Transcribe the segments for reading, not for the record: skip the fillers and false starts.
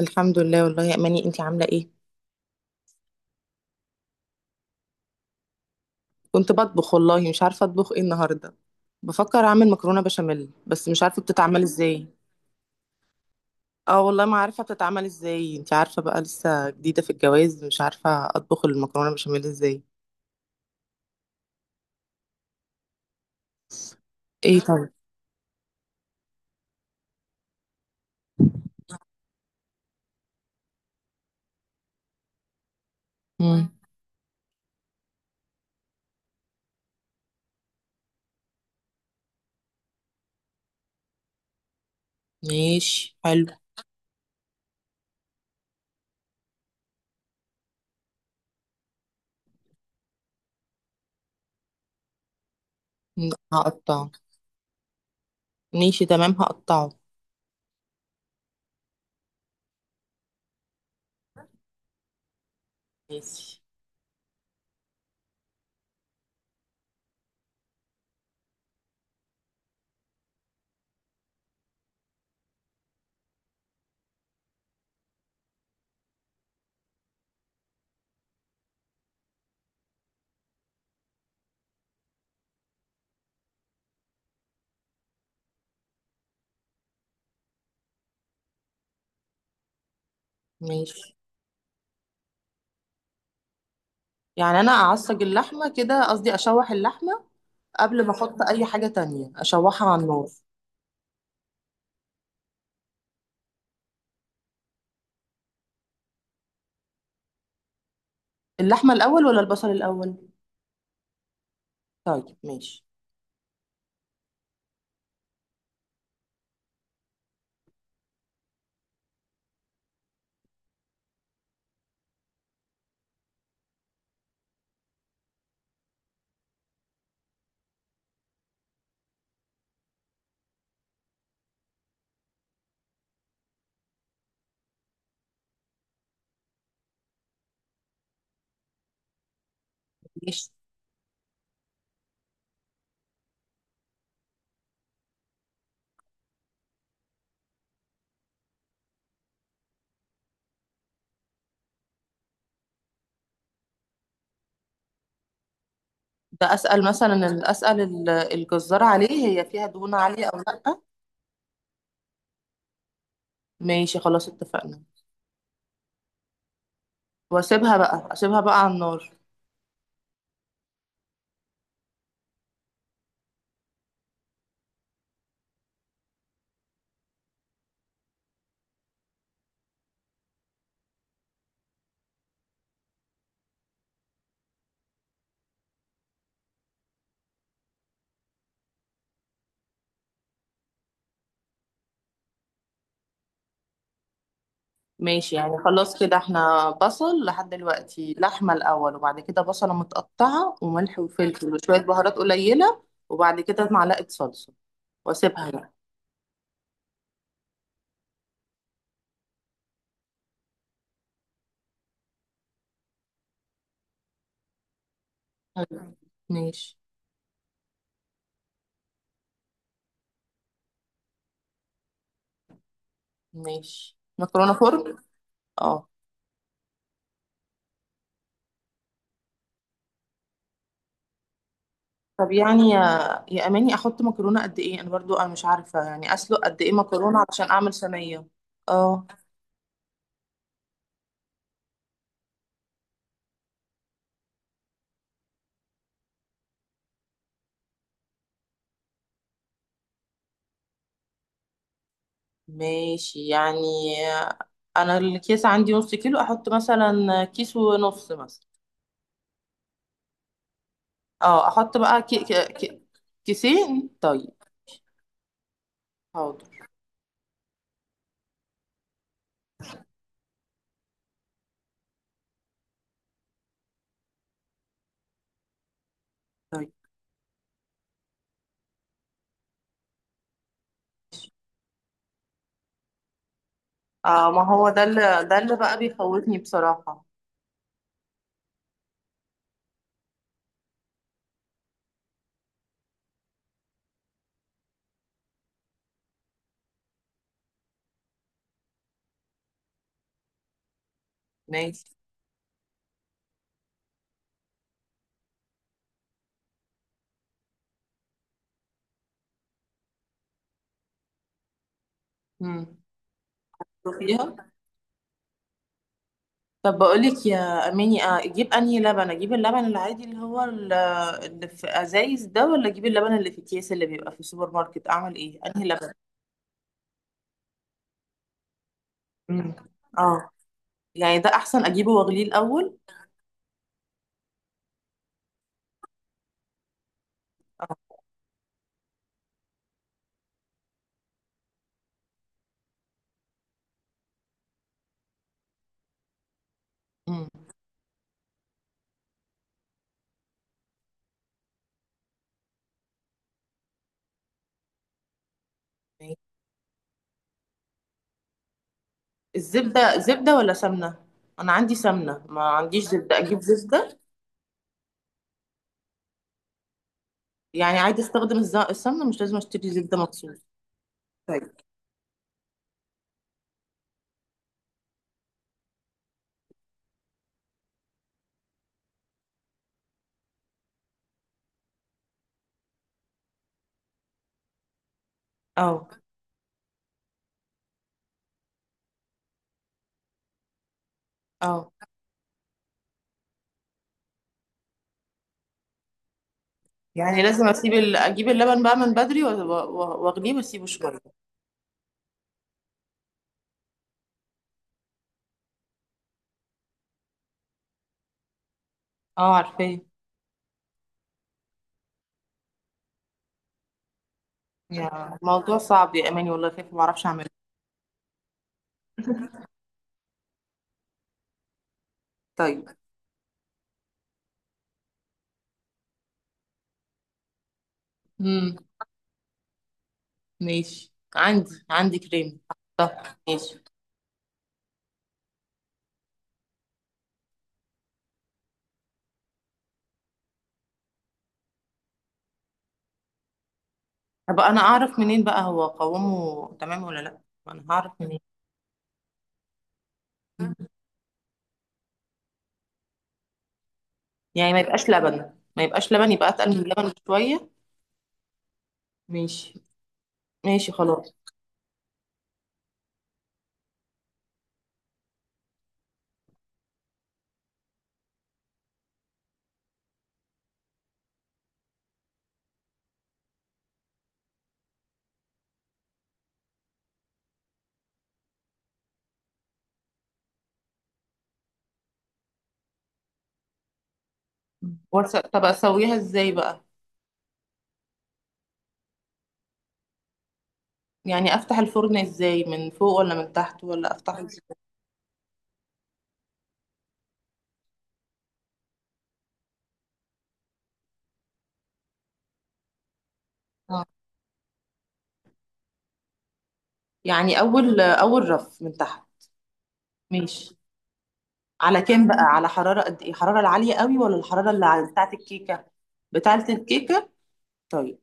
الحمد لله، والله يا اماني، انتي عامله ايه؟ كنت بطبخ والله، مش عارفه اطبخ ايه النهارده. بفكر اعمل مكرونه بشاميل بس مش عارفه بتتعمل ازاي. اه والله، ما عارفه بتتعمل ازاي. انتي عارفه بقى، لسه جديده في الجواز، مش عارفه اطبخ المكرونه بشاميل ازاي. ايه؟ طيب. مم. ماشي، حلو. هقطعه. ماشي تمام، هقطعه. ماشي. ماشي يعني انا اعصج اللحمه كده، قصدي اشوح اللحمه قبل ما احط اي حاجه تانية، اشوحها على النار. اللحمه الاول ولا البصل الاول؟ طيب ماشي. ماشي. ده اسال مثلا الجزار عليه، هي فيها دهون عاليه او لا؟ ماشي خلاص، اتفقنا. واسيبها بقى على النار. ماشي يعني خلاص كده، احنا بصل لحد دلوقتي، لحمه الاول وبعد كده بصله متقطعه وملح وفلفل وشويه بهارات قليله. وبعد كده معلقه صلصه. واسيبها بقى. أيوة. ماشي. ماشي، مكرونه فرن. اه. طب يعني يا اماني، احط مكرونه قد ايه؟ انا برضو، انا مش عارفه يعني اسلق قد ايه مكرونه علشان اعمل صينيه. اه. ماشي يعني، انا الكيس عندي نص كيلو، احط مثلا كيس ونص مثلا. اه، احط بقى كيسين؟ طيب. حاضر. طيب. اه، ما هو ده اللي، ده اللي بقى بيخوفني بصراحه. ماشي. امم. شوفيها. طب بقولك يا اماني، اجيب انهي لبن؟ اجيب اللبن العادي اللي هو اللي في ازايز ده، ولا اجيب اللبن اللي في اكياس اللي بيبقى في السوبر ماركت؟ اعمل ايه؟ انهي لبن؟ مم. اه. يعني ده احسن، اجيبه واغليه الاول. اه. مم. الزبده، زبده ولا سمنه؟ انا عندي سمنه، ما عنديش زبده، اجيب زبده؟ يعني عادي استخدم السمنه، مش لازم اشتري زبده مخصوص؟ طيب. اه. اه. يعني لازم اسيب اجيب اللبن بقى من بدري واغليه واسيبه شويه. اه، عارفاه. يا موضوع صعب يا اماني، والله خايفه ما اعرفش اعمله. طيب. امم. ماشي، عندي كريم. طب. ماشي. طب انا اعرف منين بقى هو قوامه تمام ولا لا؟ انا هعرف منين؟ يعني ما يبقاش لبن، يبقى اتقل من اللبن بشويه. ماشي. ماشي خلاص. طب اسويها ازاي بقى؟ يعني افتح الفرن ازاي، من فوق ولا من تحت ولا افتحه ازاي؟ آه. يعني اول اول رف من تحت؟ ماشي. على كام بقى، على حرارة قد ايه؟ الحرارة العالية قوي ولا الحرارة اللي بتاعة الكيكة؟ بتاعة الكيكة. طيب.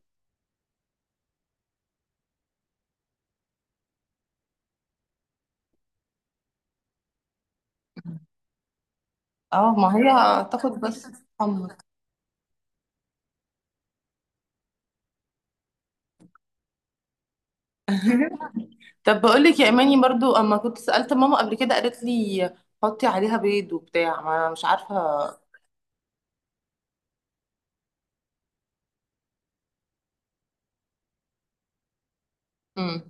اه، ما هي تاخد بس. حمر. طب بقول لك يا اماني، برضو اما كنت سألت ماما قبل كده قالت لي حطي عليها بيض وبتاع، ما انا مش عارفة. امم.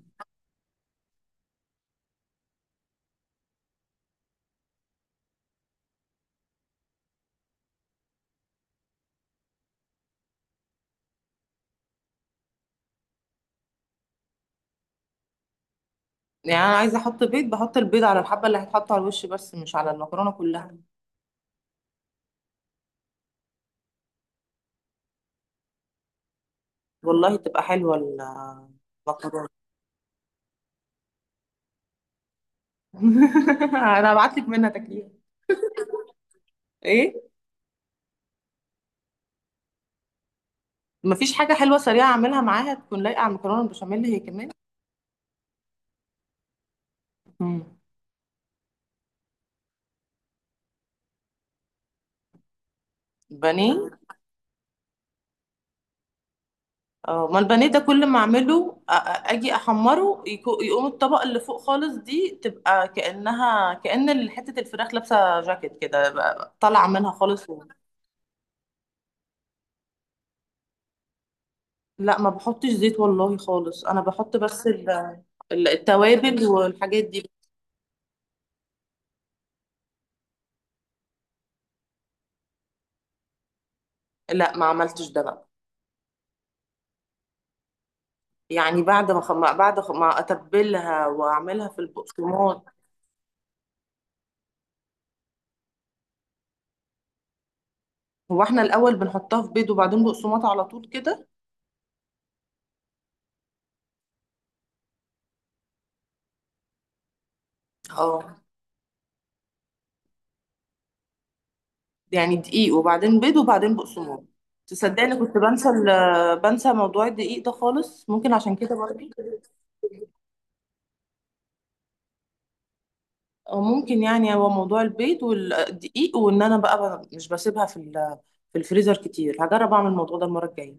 يعني انا عايزة احط بيض، بحط البيض على الحبة اللي هتحط على الوش بس، مش على المكرونة كلها. والله تبقى حلوة المكرونة. انا هبعت لك منها تاكليها. ايه؟ مفيش حاجة حلوة سريعة أعملها معاها تكون لايقة على المكرونة البشاميل هي كمان؟ مم. بانيه. اه، ما البانيه ده كل ما أعمله، أجي أحمره، يقوم الطبقة اللي فوق خالص دي تبقى كأن حتة الفراخ لابسة جاكيت كده طالعة منها خالص. لا ما بحطش زيت والله خالص، أنا بحط بس التوابل والحاجات دي. لا ما عملتش ده بقى. يعني بعد ما ما أتبلها وأعملها في البقسماط. هو احنا الاول بنحطها في بيض وبعدين بقسماط على طول كده؟ اه. يعني دقيق وبعدين بيض وبعدين بقسماط. تصدقني كنت بنسى بنسى موضوع الدقيق ده خالص، ممكن عشان كده برضه. او ممكن يعني هو موضوع البيض والدقيق. وان انا بقى مش بسيبها في في الفريزر كتير. هجرب اعمل الموضوع ده المره الجايه.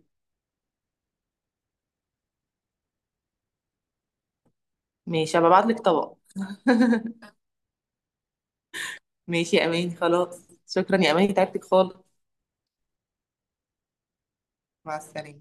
ماشي، هبعت لك طبق. ماشي يا اماني خلاص، شكرا يا اماني، تعبتك خالص. مع السلامه.